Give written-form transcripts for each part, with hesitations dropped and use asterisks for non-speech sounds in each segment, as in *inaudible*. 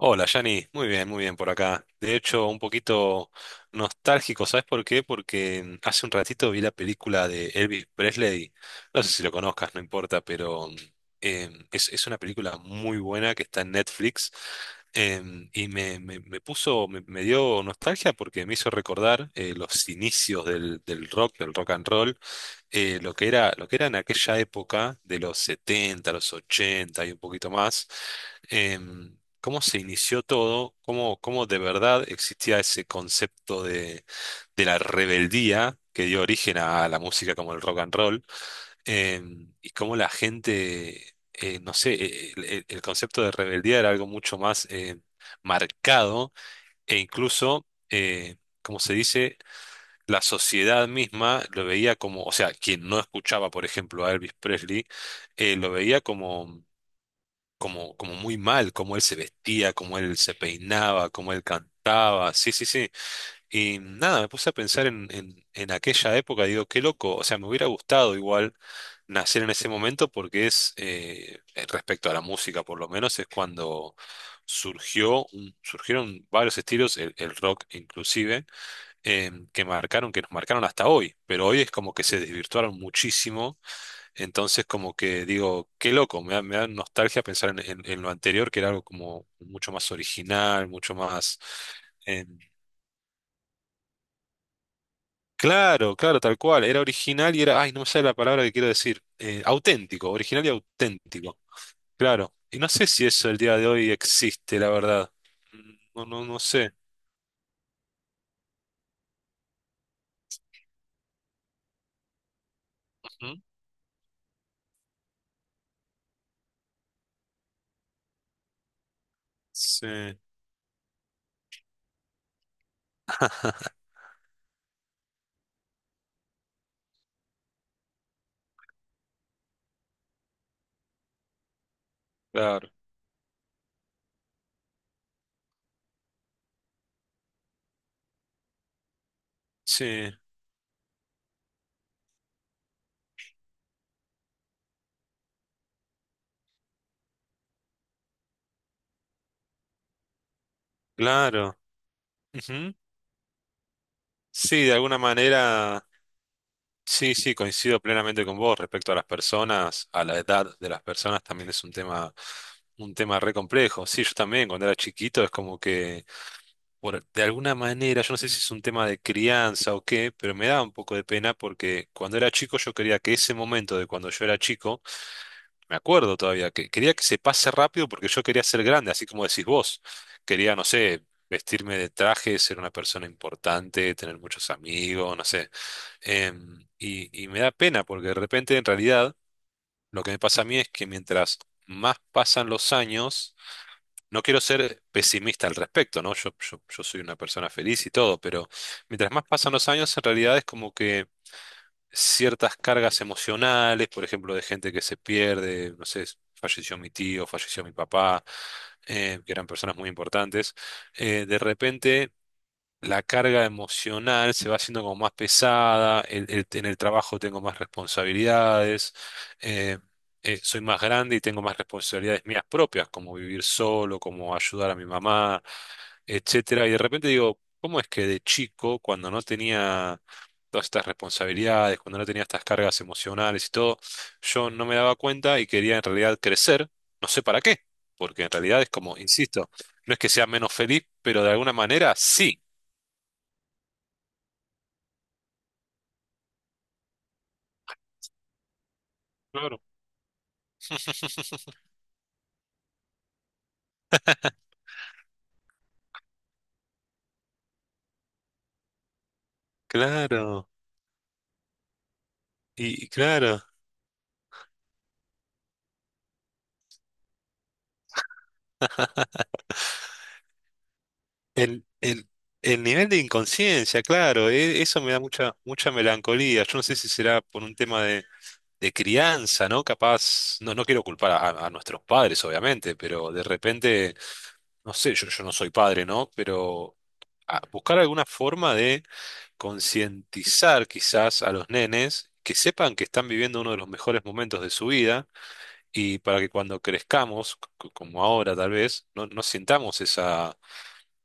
Hola, Yanni. Muy bien por acá. De hecho, un poquito nostálgico, ¿sabes por qué? Porque hace un ratito vi la película de Elvis Presley. No sé si lo conozcas, no importa, pero es una película muy buena que está en Netflix. Y me dio nostalgia porque me hizo recordar los inicios del rock and roll, lo que era en aquella época de los 70 los 80 y un poquito más, cómo se inició todo, cómo de verdad existía ese concepto de la rebeldía que dio origen a la música como el rock and roll, y cómo la gente, no sé, el concepto de rebeldía era algo mucho más marcado e incluso, como se dice, la sociedad misma lo veía como, o sea, quien no escuchaba, por ejemplo, a Elvis Presley, lo veía como, como muy mal, como él se vestía, como él se peinaba, como él cantaba, sí, sí, sí. Y nada, me puse a pensar en aquella época, digo, qué loco, o sea, me hubiera gustado igual nacer en ese momento porque respecto a la música por lo menos, es cuando surgieron varios estilos, el rock inclusive que nos marcaron hasta hoy, pero hoy es como que se desvirtuaron muchísimo, entonces como que digo, qué loco, me da nostalgia pensar en lo anterior, que era algo como mucho más original, mucho más. Eh, claro, claro, tal cual, era original y era, ay, no me sale la palabra que quiero decir, auténtico, original y auténtico, claro, y no sé si eso el día de hoy existe, la verdad, no, no, no sé. Ujú. Sí, *laughs* claro, sí, claro. Ujú. Sí, de alguna manera, sí, sí, coincido plenamente con vos respecto a las personas, a la edad de las personas también es un tema re complejo. Sí, yo también cuando era chiquito es como que, de alguna manera, yo no sé si es un tema de crianza o qué, pero me da un poco de pena porque cuando era chico yo quería que ese momento de cuando yo era chico, me acuerdo todavía, que quería que se pase rápido porque yo quería ser grande, así como decís vos. Quería, no sé, vestirme de traje, ser una persona importante, tener muchos amigos, no sé. Y me da pena porque de repente en realidad lo que me pasa a mí es que mientras más pasan los años, no quiero ser pesimista al respecto, ¿no? Yo soy una persona feliz y todo, pero mientras más pasan los años, en realidad es como que ciertas cargas emocionales, por ejemplo, de gente que se pierde, no sé, falleció mi tío, falleció mi papá, que eran personas muy importantes, de repente la carga emocional se va haciendo como más pesada, en el trabajo tengo más responsabilidades, eh, soy más grande y tengo más responsabilidades mías propias, como vivir solo, como ayudar a mi mamá, etcétera. Y de repente digo, ¿cómo es que de chico, cuando no tenía todas estas responsabilidades, cuando no tenía estas cargas emocionales y todo, yo no me daba cuenta y quería en realidad crecer, no sé para qué, porque en realidad es como, insisto, no es que sea menos feliz, pero de alguna manera sí. Claro. *laughs* Claro. Y claro, el, el, el nivel de inconsciencia, claro, eso me da mucha, mucha melancolía. Yo no sé si será por un tema de crianza, ¿no? Capaz, no, no quiero culpar a nuestros padres, obviamente, pero de repente, no sé, yo no soy padre, ¿no? Pero buscar alguna forma de concientizar quizás a los nenes que sepan que están viviendo uno de los mejores momentos de su vida y para que cuando crezcamos, como ahora tal vez, no, no sintamos esa,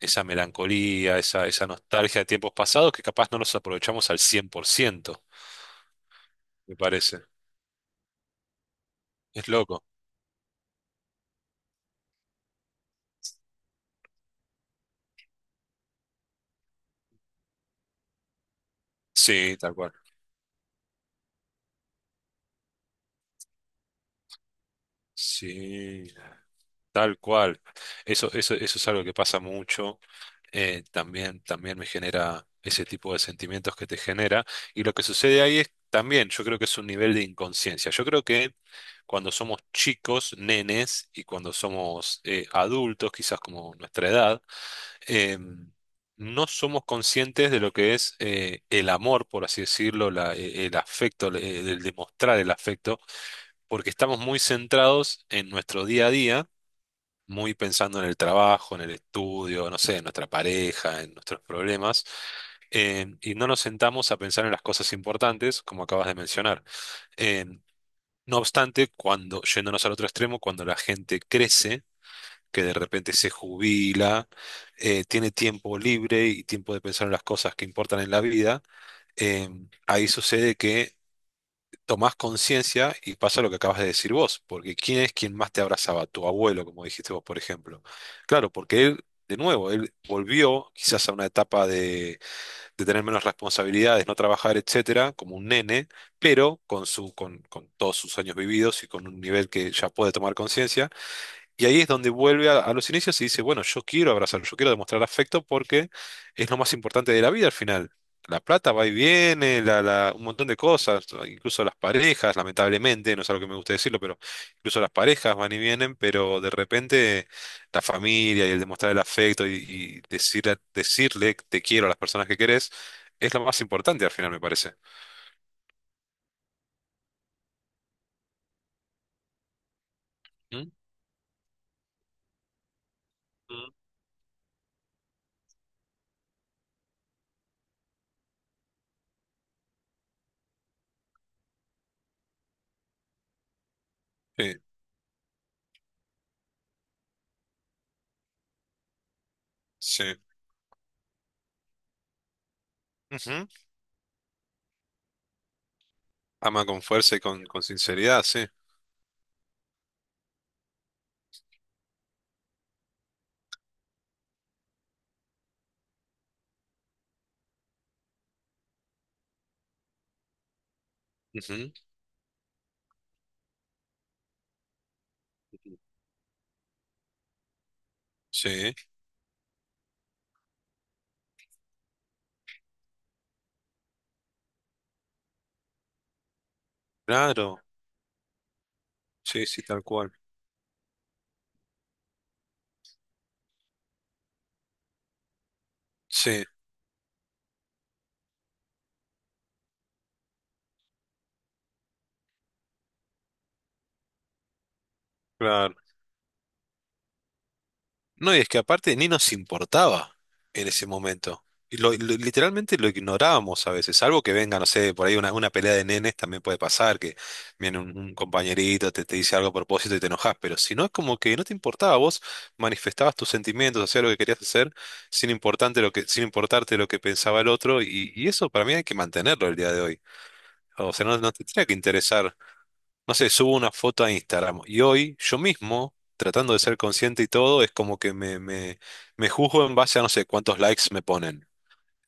esa melancolía, esa nostalgia de tiempos pasados que capaz no los aprovechamos al 100% me parece. Es loco. Sí, tal cual. Sí, tal cual. Eso es algo que pasa mucho. También me genera ese tipo de sentimientos que te genera. Y lo que sucede ahí es también, yo creo que es un nivel de inconsciencia. Yo creo que cuando somos chicos, nenes, y cuando somos adultos, quizás como nuestra edad, eh, no somos conscientes de lo que es el amor, por así decirlo, el afecto, el demostrar el afecto, porque estamos muy centrados en nuestro día a día muy pensando en el trabajo, en el estudio, no sé, en nuestra pareja, en nuestros problemas, y no nos sentamos a pensar en las cosas importantes, como acabas de mencionar. Eh, no obstante, cuando, yéndonos al otro extremo, cuando la gente crece, que de repente se jubila, tiene tiempo libre y tiempo de pensar en las cosas que importan en la vida, eh, ahí sucede que tomás conciencia y pasa lo que acabas de decir vos, porque ¿quién es quien más te abrazaba? Tu abuelo, como dijiste vos, por ejemplo. Claro, porque él, de nuevo, él volvió quizás a una etapa de tener menos responsabilidades, no trabajar, etcétera, como un nene, pero con todos sus años vividos y con un nivel que ya puede tomar conciencia, y ahí es donde vuelve a los inicios y dice, bueno, yo quiero abrazarlo, yo quiero demostrar afecto porque es lo más importante de la vida al final. La plata va y viene, un montón de cosas, incluso las parejas, lamentablemente, no es algo que me guste decirlo, pero incluso las parejas van y vienen, pero de repente la familia y el demostrar el afecto y decir, decirle te quiero a las personas que querés es lo más importante al final, me parece. ¿Mm? Mm. Sí, sí. Ujú. Ama con fuerza y con sinceridad, sí. Ujú. Sí. Claro, sí, sí, tal cual. Sí, claro. No, y es que aparte ni nos importaba en ese momento. Y literalmente lo ignorábamos a veces, salvo que venga, no sé, por ahí una pelea de nenes también puede pasar, que viene un compañerito, te dice algo a propósito y te enojas, pero si no es como que no te importaba, vos manifestabas tus sentimientos, hacías lo que querías hacer, sin importarte lo que pensaba el otro, y eso para mí hay que mantenerlo el día de hoy. O sea, no, no te tendría que interesar no sé, subo una foto a Instagram y hoy yo mismo, tratando de ser consciente y todo, es como que me juzgo en base a no sé cuántos likes me ponen.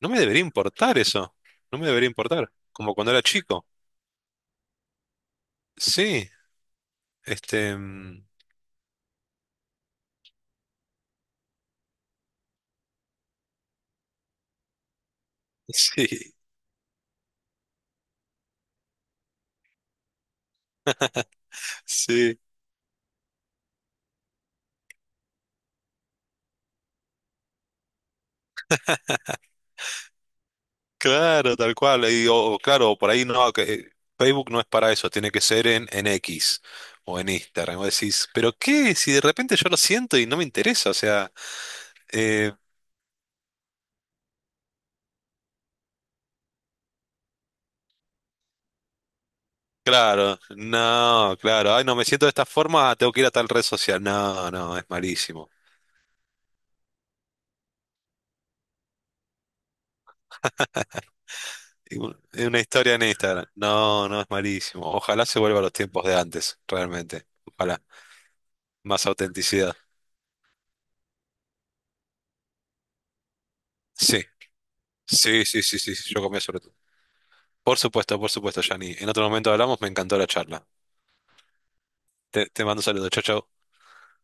No me debería importar eso, no me debería importar, como cuando era chico. Sí, este, mm, *laughs* sí, sí, claro, tal cual. Y, o, claro, por ahí no, que Facebook no es para eso, tiene que ser en X o en Instagram. O decís, ¿pero qué? Si de repente yo lo siento y no me interesa, o sea. eh, Claro, no, claro. Ay, no, me siento de esta forma, tengo que ir a tal red social. No, no, es malísimo. Y una historia en Instagram. No, no, es malísimo. Ojalá se vuelva a los tiempos de antes, realmente. Ojalá. Más autenticidad. Sí, sí, sí, sí, sí, sí, yo comía sobre todo. Por supuesto, Yanni. En otro momento hablamos, me encantó la charla. Te mando saludos. Chau, chau.